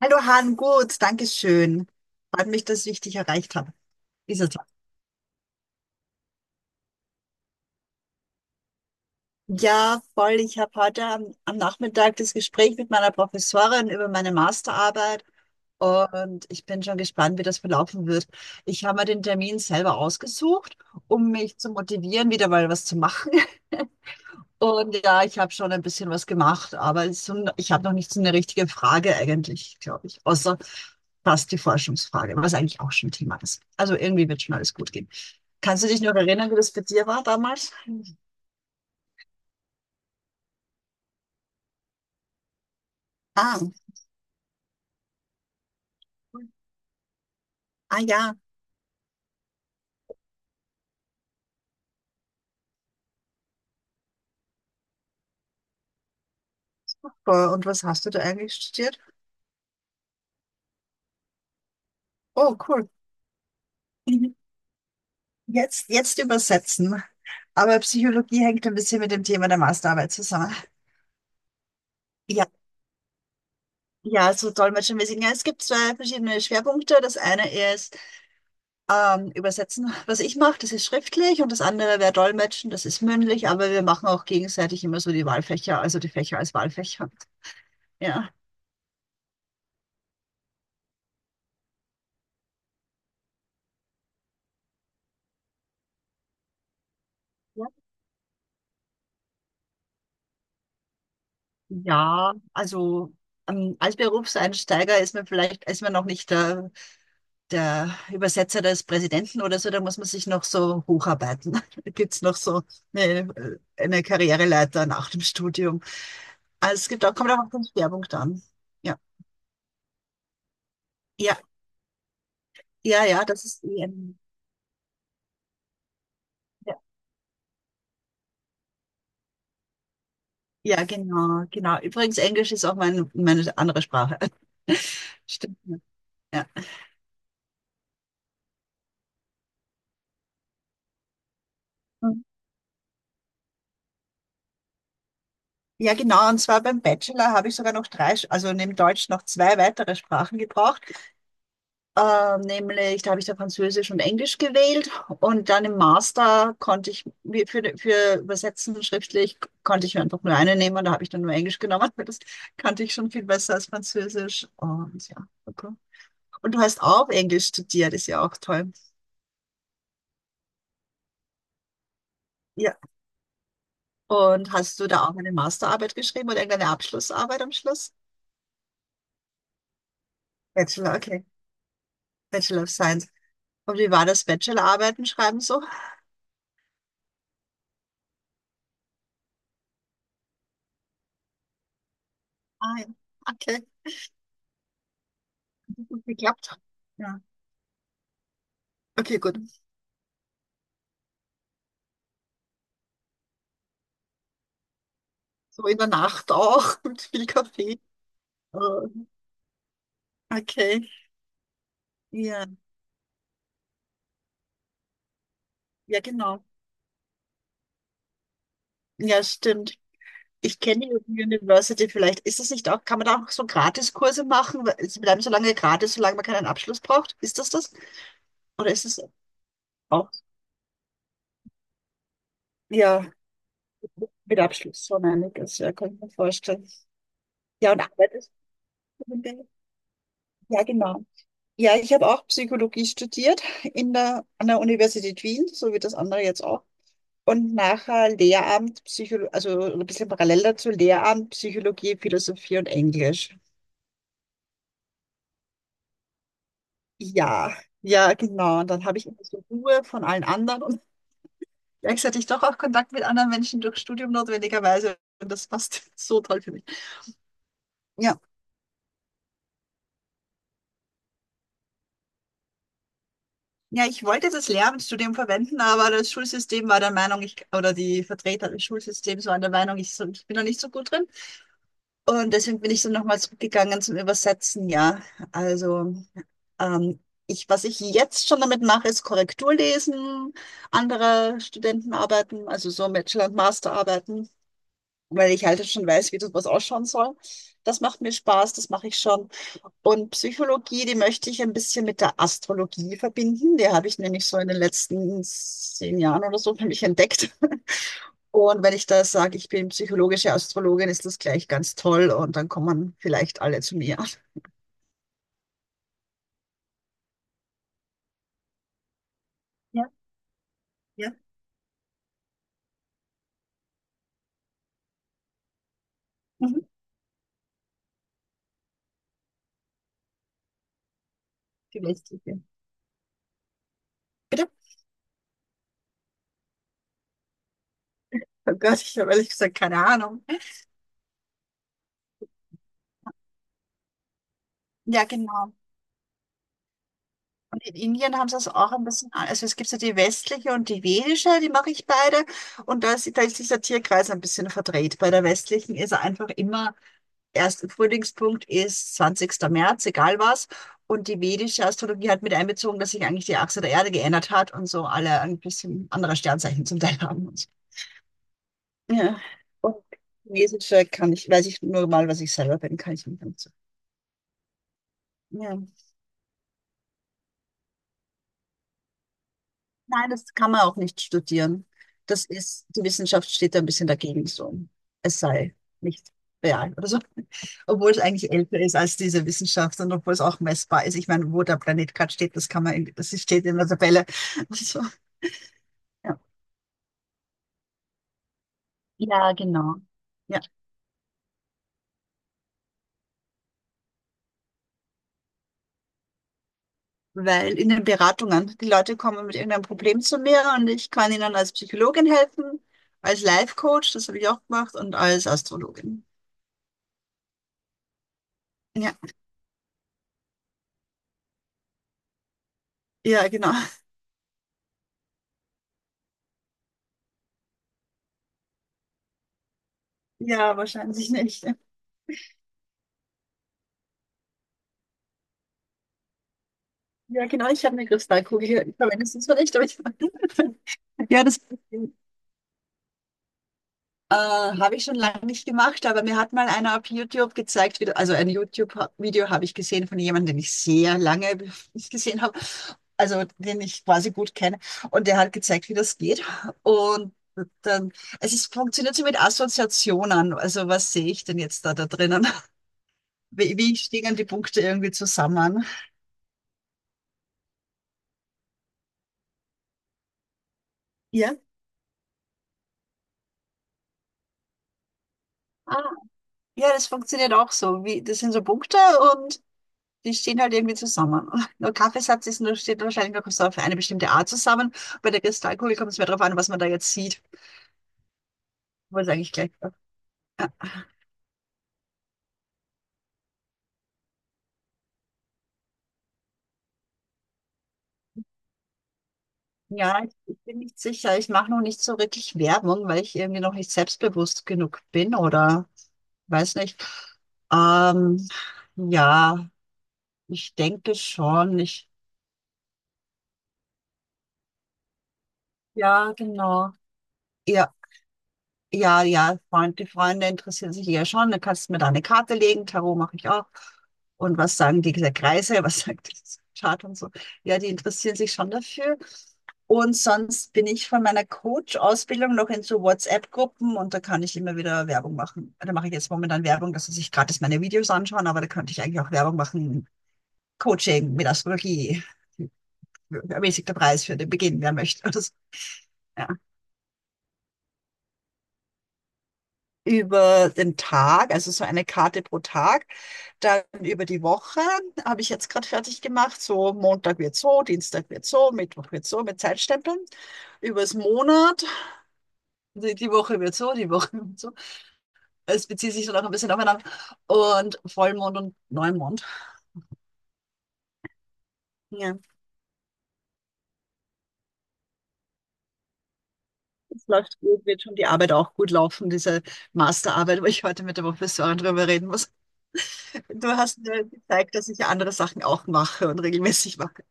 Hallo Han, gut, danke schön. Freut mich, dass ich dich erreicht habe. Dieser Tag. Ja, voll. Ich habe heute am Nachmittag das Gespräch mit meiner Professorin über meine Masterarbeit und ich bin schon gespannt, wie das verlaufen wird. Ich habe mir den Termin selber ausgesucht, um mich zu motivieren, wieder mal was zu machen. Und ja, ich habe schon ein bisschen was gemacht, aber so, ich habe noch nicht so eine richtige Frage eigentlich, glaube ich, außer fast die Forschungsfrage, was eigentlich auch schon Thema ist. Also irgendwie wird schon alles gut gehen. Kannst du dich noch erinnern, wie das bei dir war damals? Ah, ah ja. Und was hast du da eigentlich studiert? Oh, cool. Mhm. Jetzt übersetzen. Aber Psychologie hängt ein bisschen mit dem Thema der Masterarbeit zusammen. Ja, ja, so dolmetschermäßig. Ja, es gibt zwei verschiedene Schwerpunkte. Das eine ist Übersetzen, was ich mache, das ist schriftlich und das andere wäre Dolmetschen, das ist mündlich, aber wir machen auch gegenseitig immer so die Wahlfächer, also die Fächer als Wahlfächer. Ja. Ja, also als Berufseinsteiger ist man vielleicht, ist man noch nicht der, der Übersetzer des Präsidenten oder so, da muss man sich noch so hocharbeiten. Da gibt's noch so eine Karriereleiter nach dem Studium. Also es gibt auch, kommt auch auf den Schwerpunkt an. Ja, ja, ja, ja, das ist eh ein- ja, ja, genau, genau. Übrigens, Englisch ist auch mein, meine andere Sprache. Stimmt. Ja. Ja. Ja, genau. Und zwar beim Bachelor habe ich sogar noch drei, Sch- also neben Deutsch noch zwei weitere Sprachen gebraucht. Nämlich, da habe ich da Französisch und Englisch gewählt. Und dann im Master konnte ich, mir für Übersetzen schriftlich, konnte ich mir einfach nur eine nehmen. Da habe ich dann nur Englisch genommen, weil das kannte ich schon viel besser als Französisch. Und ja, okay. Und du hast auch Englisch studiert, ist ja auch toll. Ja. Und hast du da auch eine Masterarbeit geschrieben oder irgendeine Abschlussarbeit am Schluss? Bachelor, okay. Bachelor of Science. Und wie war das Bachelorarbeiten schreiben so? Ah, ja. Okay, gut geklappt. Ja. Okay, gut. So in der Nacht auch mit viel Kaffee. Ähm, Okay, ja, ja, genau. Ja, stimmt. Ich kenne die University vielleicht. Ist das nicht auch, kann man da auch so Gratiskurse machen? Weil Sie bleiben so lange gratis, solange man keinen Abschluss braucht. Ist das das? Oder ist es auch? Ja, mit Abschluss schon einiges. Ja, kann ich mir vorstellen. Ja, und arbeitest du in der? Ja, genau. Ja, ich habe auch Psychologie studiert in der, an der Universität Wien, so wie das andere jetzt auch. Und nachher Lehramt, Psychologie, also ein bisschen parallel dazu, Lehramt, Psychologie, Philosophie und Englisch. Ja, ja, genau. Und dann habe ich immer so Ruhe von allen anderen und gleichzeitig doch auch Kontakt mit anderen Menschen durch Studium notwendigerweise. Und das passt so toll für mich. Ja. Ja, ich wollte das Lehramtsstudium verwenden, aber das Schulsystem war der Meinung, ich, oder die Vertreter des Schulsystems waren der Meinung, ich, so- ich bin da nicht so gut drin. Und deswegen bin ich so nochmal zurückgegangen zum Übersetzen, ja. Also, ähm, ich, was ich jetzt schon damit mache, ist Korrektur lesen, andere Studentenarbeiten, also so Bachelor- und Masterarbeiten, weil ich halt schon weiß, wie das was ausschauen soll. Das macht mir Spaß, das mache ich schon. Und Psychologie, die möchte ich ein bisschen mit der Astrologie verbinden. Die habe ich nämlich so in den letzten 10 Jahren oder so für mich entdeckt. Und wenn ich da sage, ich bin psychologische Astrologin, ist das gleich ganz toll und dann kommen vielleicht alle zu mir. Ja, ja. Mhm. Vielleicht. Ja. Bitte? Oh Gott, ich habe ehrlich gesagt keine Ahnung. Ja, genau. Und in Indien haben sie das auch ein bisschen, an- also es gibt so die westliche und die vedische, die mache ich beide. Und da ist dieser Tierkreis ein bisschen verdreht. Bei der westlichen ist er einfach immer erste Frühlingspunkt ist zwanzigster März, egal was. Und die vedische Astrologie hat mit einbezogen, dass sich eigentlich die Achse der Erde geändert hat und so alle ein bisschen andere Sternzeichen zum Teil haben. Und so. Ja. Und chinesische kann ich, weiß ich nur mal, was ich selber bin, kann ich nicht. So. Ja. Nein, das kann man auch nicht studieren. Das ist, die Wissenschaft steht da ein bisschen dagegen so. Es sei nicht real oder so. Obwohl es eigentlich älter ist als diese Wissenschaft und obwohl es auch messbar ist. Ich meine, wo der Planet gerade steht, das kann man, in- das steht in der Tabelle. Also, ja. Ja, genau. Ja, weil in den Beratungen, die Leute kommen mit irgendeinem Problem zu mir und ich kann ihnen als Psychologin helfen, als Life Coach, das habe ich auch gemacht, und als Astrologin. Ja, ja, genau. Ja, wahrscheinlich nicht. Ja, genau, ich habe eine Kristallkugel. Ich verwende sie zwar nicht, aber ich. Ja, das habe ich schon lange nicht gemacht, aber mir hat mal einer auf YouTube gezeigt, wie, du- also ein YouTube-Video habe ich gesehen von jemandem, den ich sehr lange nicht gesehen habe, also den ich quasi gut kenne. Und der hat gezeigt, wie das geht. Und dann, es ist, funktioniert so mit Assoziationen. Also was sehe ich denn jetzt da drinnen? Wie, wie stehen die Punkte irgendwie zusammen? Ja. Ah, ja, das funktioniert auch so. Wie, das sind so Punkte. Die stehen halt irgendwie zusammen. Nur Kaffeesatz ist nur, steht wahrscheinlich nur so auf eine bestimmte Art zusammen. Bei der Kristallkugel kommt es mehr darauf an, was man da jetzt sieht. Obwohl es eigentlich gleich war. Ja, ich bin nicht sicher. Ich mache noch nicht so wirklich Werbung, weil ich irgendwie noch nicht selbstbewusst genug bin oder weiß nicht. Ähm, ja, ich denke schon. Ich, ja, genau. Ja. Ja, ja, Freund, die Freunde interessieren sich ja schon. Dann kannst du mir da eine Karte legen. Tarot mache ich auch. Und was sagen die Kreise? Was sagt das Chart und so? Ja, die interessieren sich schon dafür. Und sonst bin ich von meiner Coach-Ausbildung noch in so WhatsApp-Gruppen und da kann ich immer wieder Werbung machen. Da mache ich jetzt momentan Werbung, dass sie sich gratis meine Videos anschauen, aber da könnte ich eigentlich auch Werbung machen. Coaching mit Astrologie. Ermäßigter Preis für den Beginn, wer möchte. Oder so. Ja. Über den Tag, also so eine Karte pro Tag. Dann über die Woche habe ich jetzt gerade fertig gemacht. So Montag wird so, Dienstag wird so, Mittwoch wird so mit Zeitstempeln. Übers Monat, die Woche wird so, die Woche wird so. Es bezieht sich so noch ein bisschen aufeinander. Und Vollmond und Neumond. Ja, es läuft gut, wird schon die Arbeit auch gut laufen, diese Masterarbeit, wo ich heute mit der Professorin drüber reden muss. Du hast mir gezeigt, dass ich ja andere Sachen auch mache und regelmäßig mache.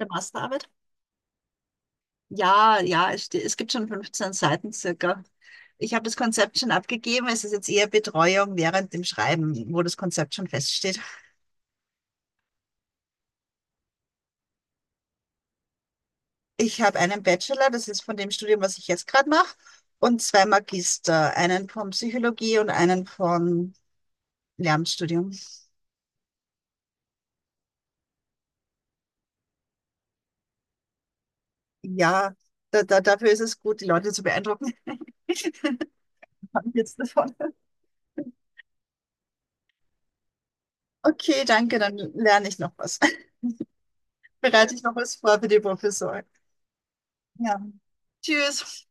Der Masterarbeit? Ja, ja, es, ste- es gibt schon 15 Seiten circa. Ich habe das Konzept schon abgegeben. Es ist jetzt eher Betreuung während dem Schreiben, wo das Konzept schon feststeht. Ich habe einen Bachelor, das ist von dem Studium, was ich jetzt gerade mache, und zwei Magister, einen von Psychologie und einen von Lehramtsstudium. Ja, da, da, dafür ist es gut, die Leute zu beeindrucken. Haben jetzt davon. Okay, danke, dann lerne ich noch was. Bereite ich noch was vor für die Professorin. Ja, tschüss.